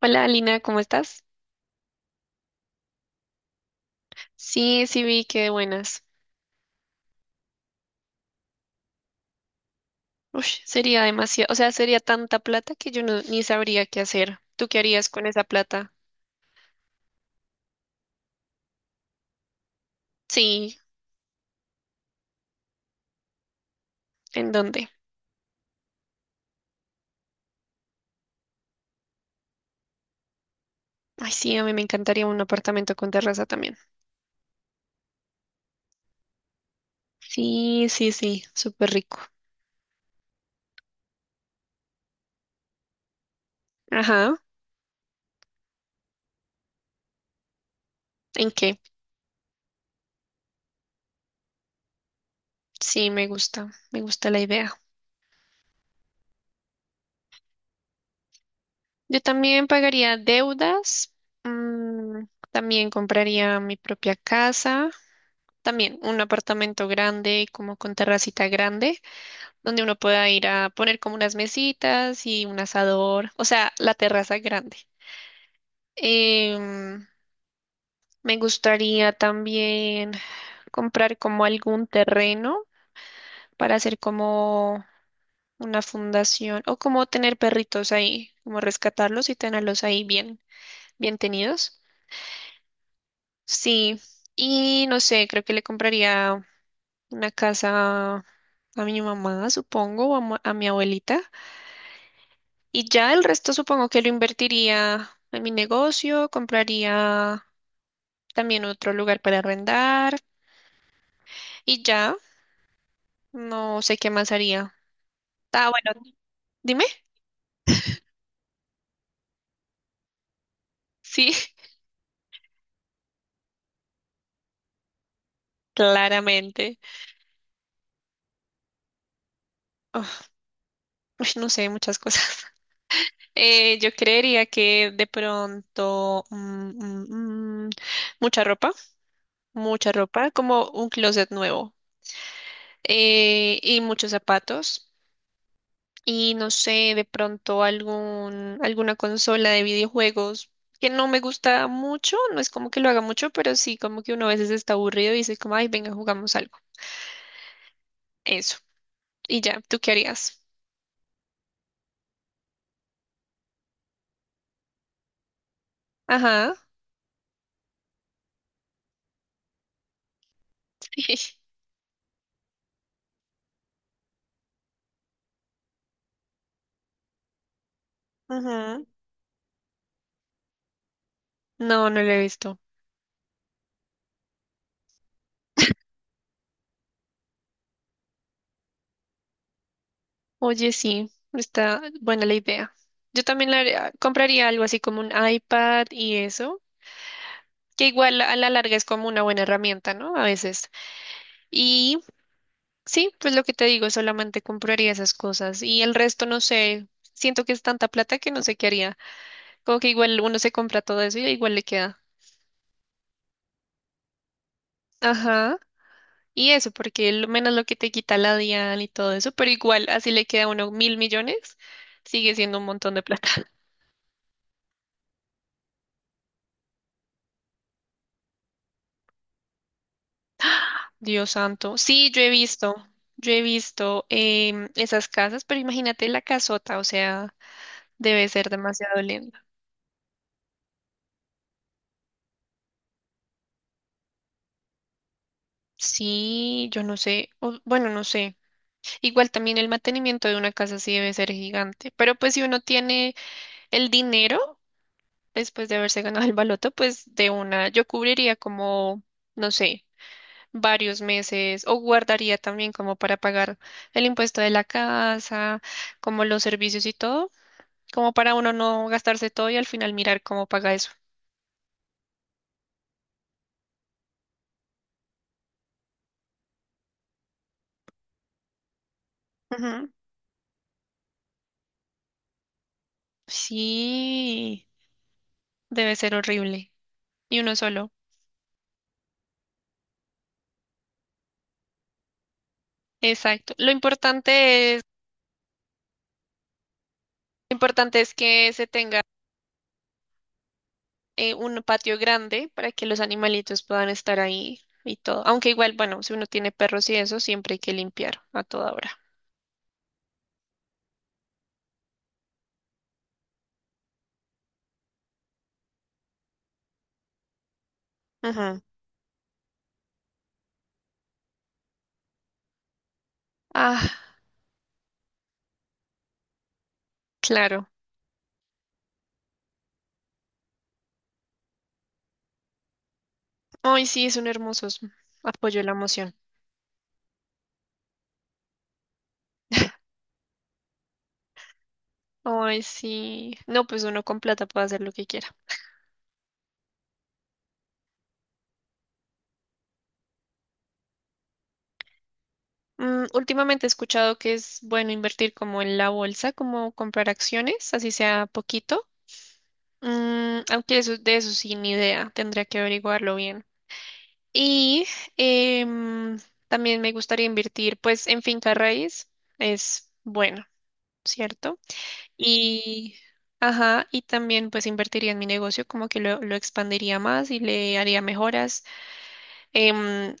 Hola, Alina, ¿cómo estás? Sí, sí vi que de buenas. Ush, sería demasiado, o sea, sería tanta plata que yo no, ni sabría qué hacer. ¿Tú qué harías con esa plata? Sí, ¿en dónde? Ay, sí, a mí me encantaría un apartamento con terraza también. Sí, sí, sí, súper rico. Ajá, ¿en qué? Sí, me gusta la idea. Yo también pagaría deudas, mm, también compraría mi propia casa, también un apartamento grande, como con terracita grande, donde uno pueda ir a poner como unas mesitas y un asador, o sea, la terraza grande. Em, Me gustaría también comprar como algún terreno para hacer como una fundación o como tener perritos ahí, como rescatarlos y tenerlos ahí bien, bien tenidos. Sí, y no sé, creo que le compraría una casa a mi mamá, supongo, o a mi abuelita. Y ya el resto supongo que lo invertiría en mi negocio, compraría también otro lugar para arrendar y ya no sé qué más haría. Ah, bueno, dime. Sí, claramente. Oh, uy, no sé, muchas cosas. Yo creería que de pronto mm, mm, mucha ropa, mucha ropa, como un closet nuevo, y muchos zapatos. Y no sé, de pronto algún, alguna consola de videojuegos que no me gusta mucho, no es como que lo haga mucho, pero sí como que uno a veces está aburrido y dice como, ay, venga, jugamos algo. Eso. Y ya, ¿tú qué harías? Ajá. Ujú. No, no lo he visto. Oye, sí, está buena la idea. Yo también compraría algo así como un iPad y eso, que igual a la larga es como una buena herramienta, ¿no? A veces. y Sí, pues lo que te digo, solamente compraría esas cosas y el resto no sé, siento que es tanta plata que no sé qué haría. Como que igual uno se compra todo eso y igual le queda. Ajá. Y eso, porque lo menos lo que te quita la DIAN y todo eso, pero igual así le queda a uno 1.000 millones, sigue siendo un montón de plata. Dios santo. Sí, yo he visto esas casas, pero imagínate la casota, o sea, debe ser demasiado linda. Sí, yo no sé, bueno, no sé. Igual también el mantenimiento de una casa sí debe ser gigante, pero pues si uno tiene el dinero después de haberse ganado el baloto, pues de una, yo cubriría como, no sé, varios meses o guardaría también como para pagar el impuesto de la casa, como los servicios y todo, como para uno no gastarse todo y al final mirar cómo paga eso. Ujú. Sí, debe ser horrible. Y uno solo. Exacto. Lo importante es que se tenga un patio grande para que los animalitos puedan estar ahí y todo. Aunque igual, bueno, si uno tiene perros y eso, siempre hay que limpiar a toda hora. Ujú. Ah, claro. Ay, sí, son hermosos. Apoyo la moción. Ay, sí. No, pues uno con plata puede hacer lo que quiera. Últimamente he escuchado que es bueno invertir como en la bolsa, como comprar acciones, así sea poquito. Aunque eso, de eso sí, ni idea. Tendría que averiguarlo bien. Y em, también me gustaría invertir pues en finca raíz, es bueno, ¿cierto? Y, ajá, y también pues invertiría en mi negocio, como que lo expandiría más y le haría mejoras, em,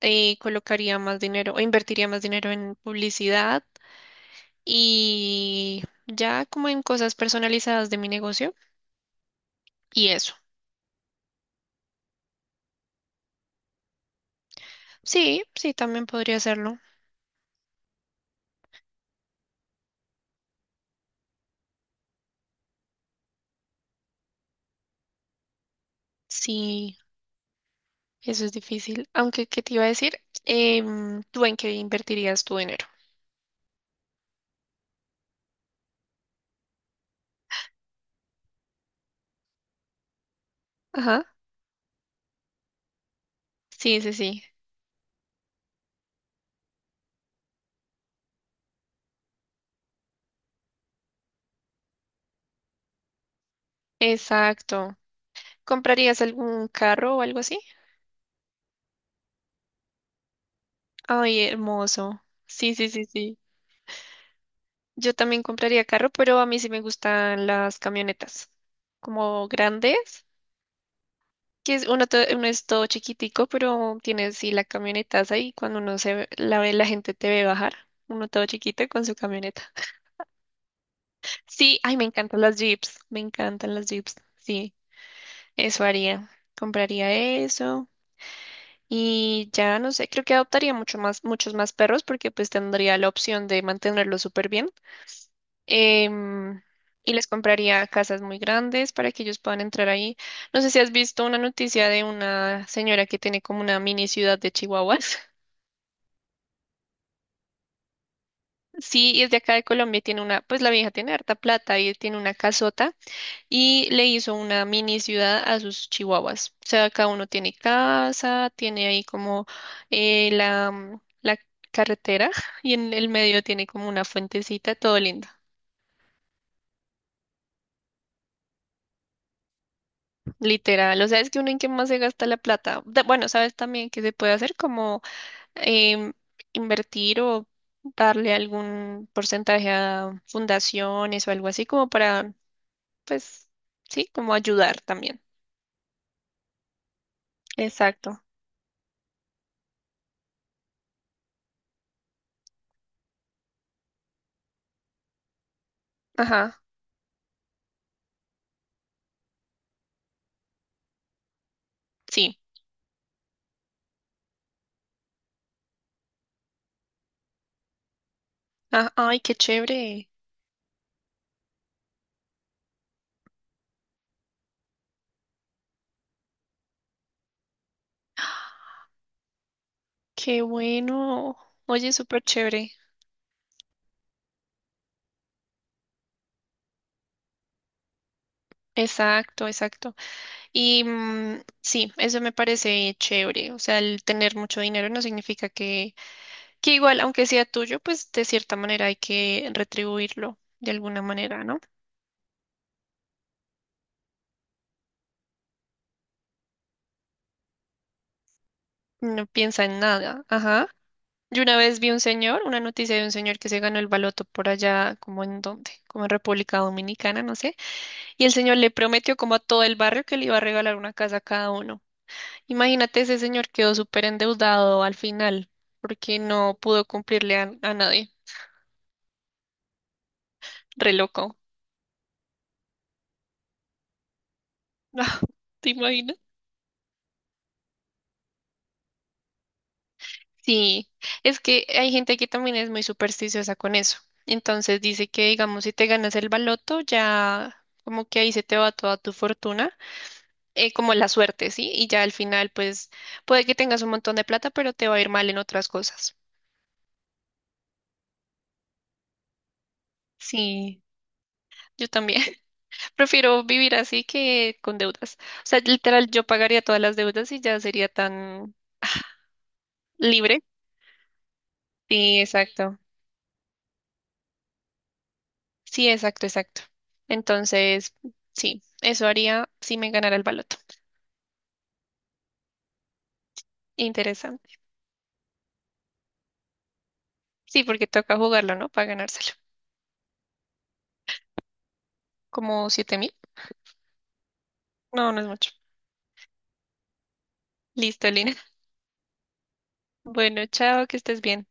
colocaría más dinero o invertiría más dinero en publicidad y ya como en cosas personalizadas de mi negocio y eso. Sí, sí, también podría hacerlo. Sí. Eso es difícil. Aunque, ¿qué te iba a decir? ¿Tú en qué invertirías tu dinero? Ajá. Sí, sí, sí. Exacto. ¿Comprarías algún carro o algo así? Ay, hermoso. Sí, sí, sí, sí. Yo también compraría carro, pero a mí sí me gustan las camionetas, como grandes, que es uno, uno es todo chiquitico, pero tienes sí la camioneta ahí cuando uno la ve, la gente te ve bajar, uno todo chiquito con su camioneta. Sí, ay, me encantan las Jeeps, me encantan las Jeeps, sí. Eso haría. Compraría eso y ya no sé, creo que adoptaría mucho más, muchos más perros porque pues tendría la opción de mantenerlos súper bien. Em, y les compraría casas muy grandes para que ellos puedan entrar ahí. No sé si has visto una noticia de una señora que tiene como una mini ciudad de Chihuahuas. Sí, y es de acá de Colombia y tiene una, pues la vieja tiene harta plata y tiene una casota y le hizo una mini ciudad a sus chihuahuas. O sea, cada uno tiene casa, tiene ahí como la carretera y en el medio tiene como una fuentecita, todo lindo, literal. O sea, es que uno en qué más se gasta la plata. Bueno, sabes también que se puede hacer como em, invertir o darle algún porcentaje a fundaciones o algo así como para, pues, sí, como ayudar también. Exacto. Ajá, sí. Ah, ay, qué chévere. Qué bueno. Oye, súper chévere. Exacto, exacto. Y sí, eso me parece chévere. O sea, el tener mucho dinero no significa que igual, aunque sea tuyo, pues de cierta manera hay que retribuirlo de alguna manera, ¿no? No piensa en nada. Ajá. Yo una vez vi un señor, una noticia de un señor que se ganó el baloto por allá, como en dónde, como en República Dominicana, no sé. Y el señor le prometió como a todo el barrio que le iba a regalar una casa a cada uno. Imagínate, ese señor quedó súper endeudado al final porque no pudo cumplirle a nadie. Re loco. ¿Te imaginas? Sí, es que hay gente que también es muy supersticiosa con eso. Entonces dice que, digamos, si te ganas el baloto, ya como que ahí se te va toda tu fortuna, como la suerte, ¿sí? Y ya al final, pues, puede que tengas un montón de plata, pero te va a ir mal en otras cosas. Sí, yo también. Prefiero vivir así que con deudas. O sea, literal, yo pagaría todas las deudas y ya sería tan libre. Sí, exacto. Sí, exacto, exacto. Entonces, sí, eso haría si me ganara el baloto. Interesante. Sí, porque toca jugarlo, ¿no? Para ganárselo. ¿Como 7.000? No, no es mucho. Listo, Lina. Bueno, chao, que estés bien.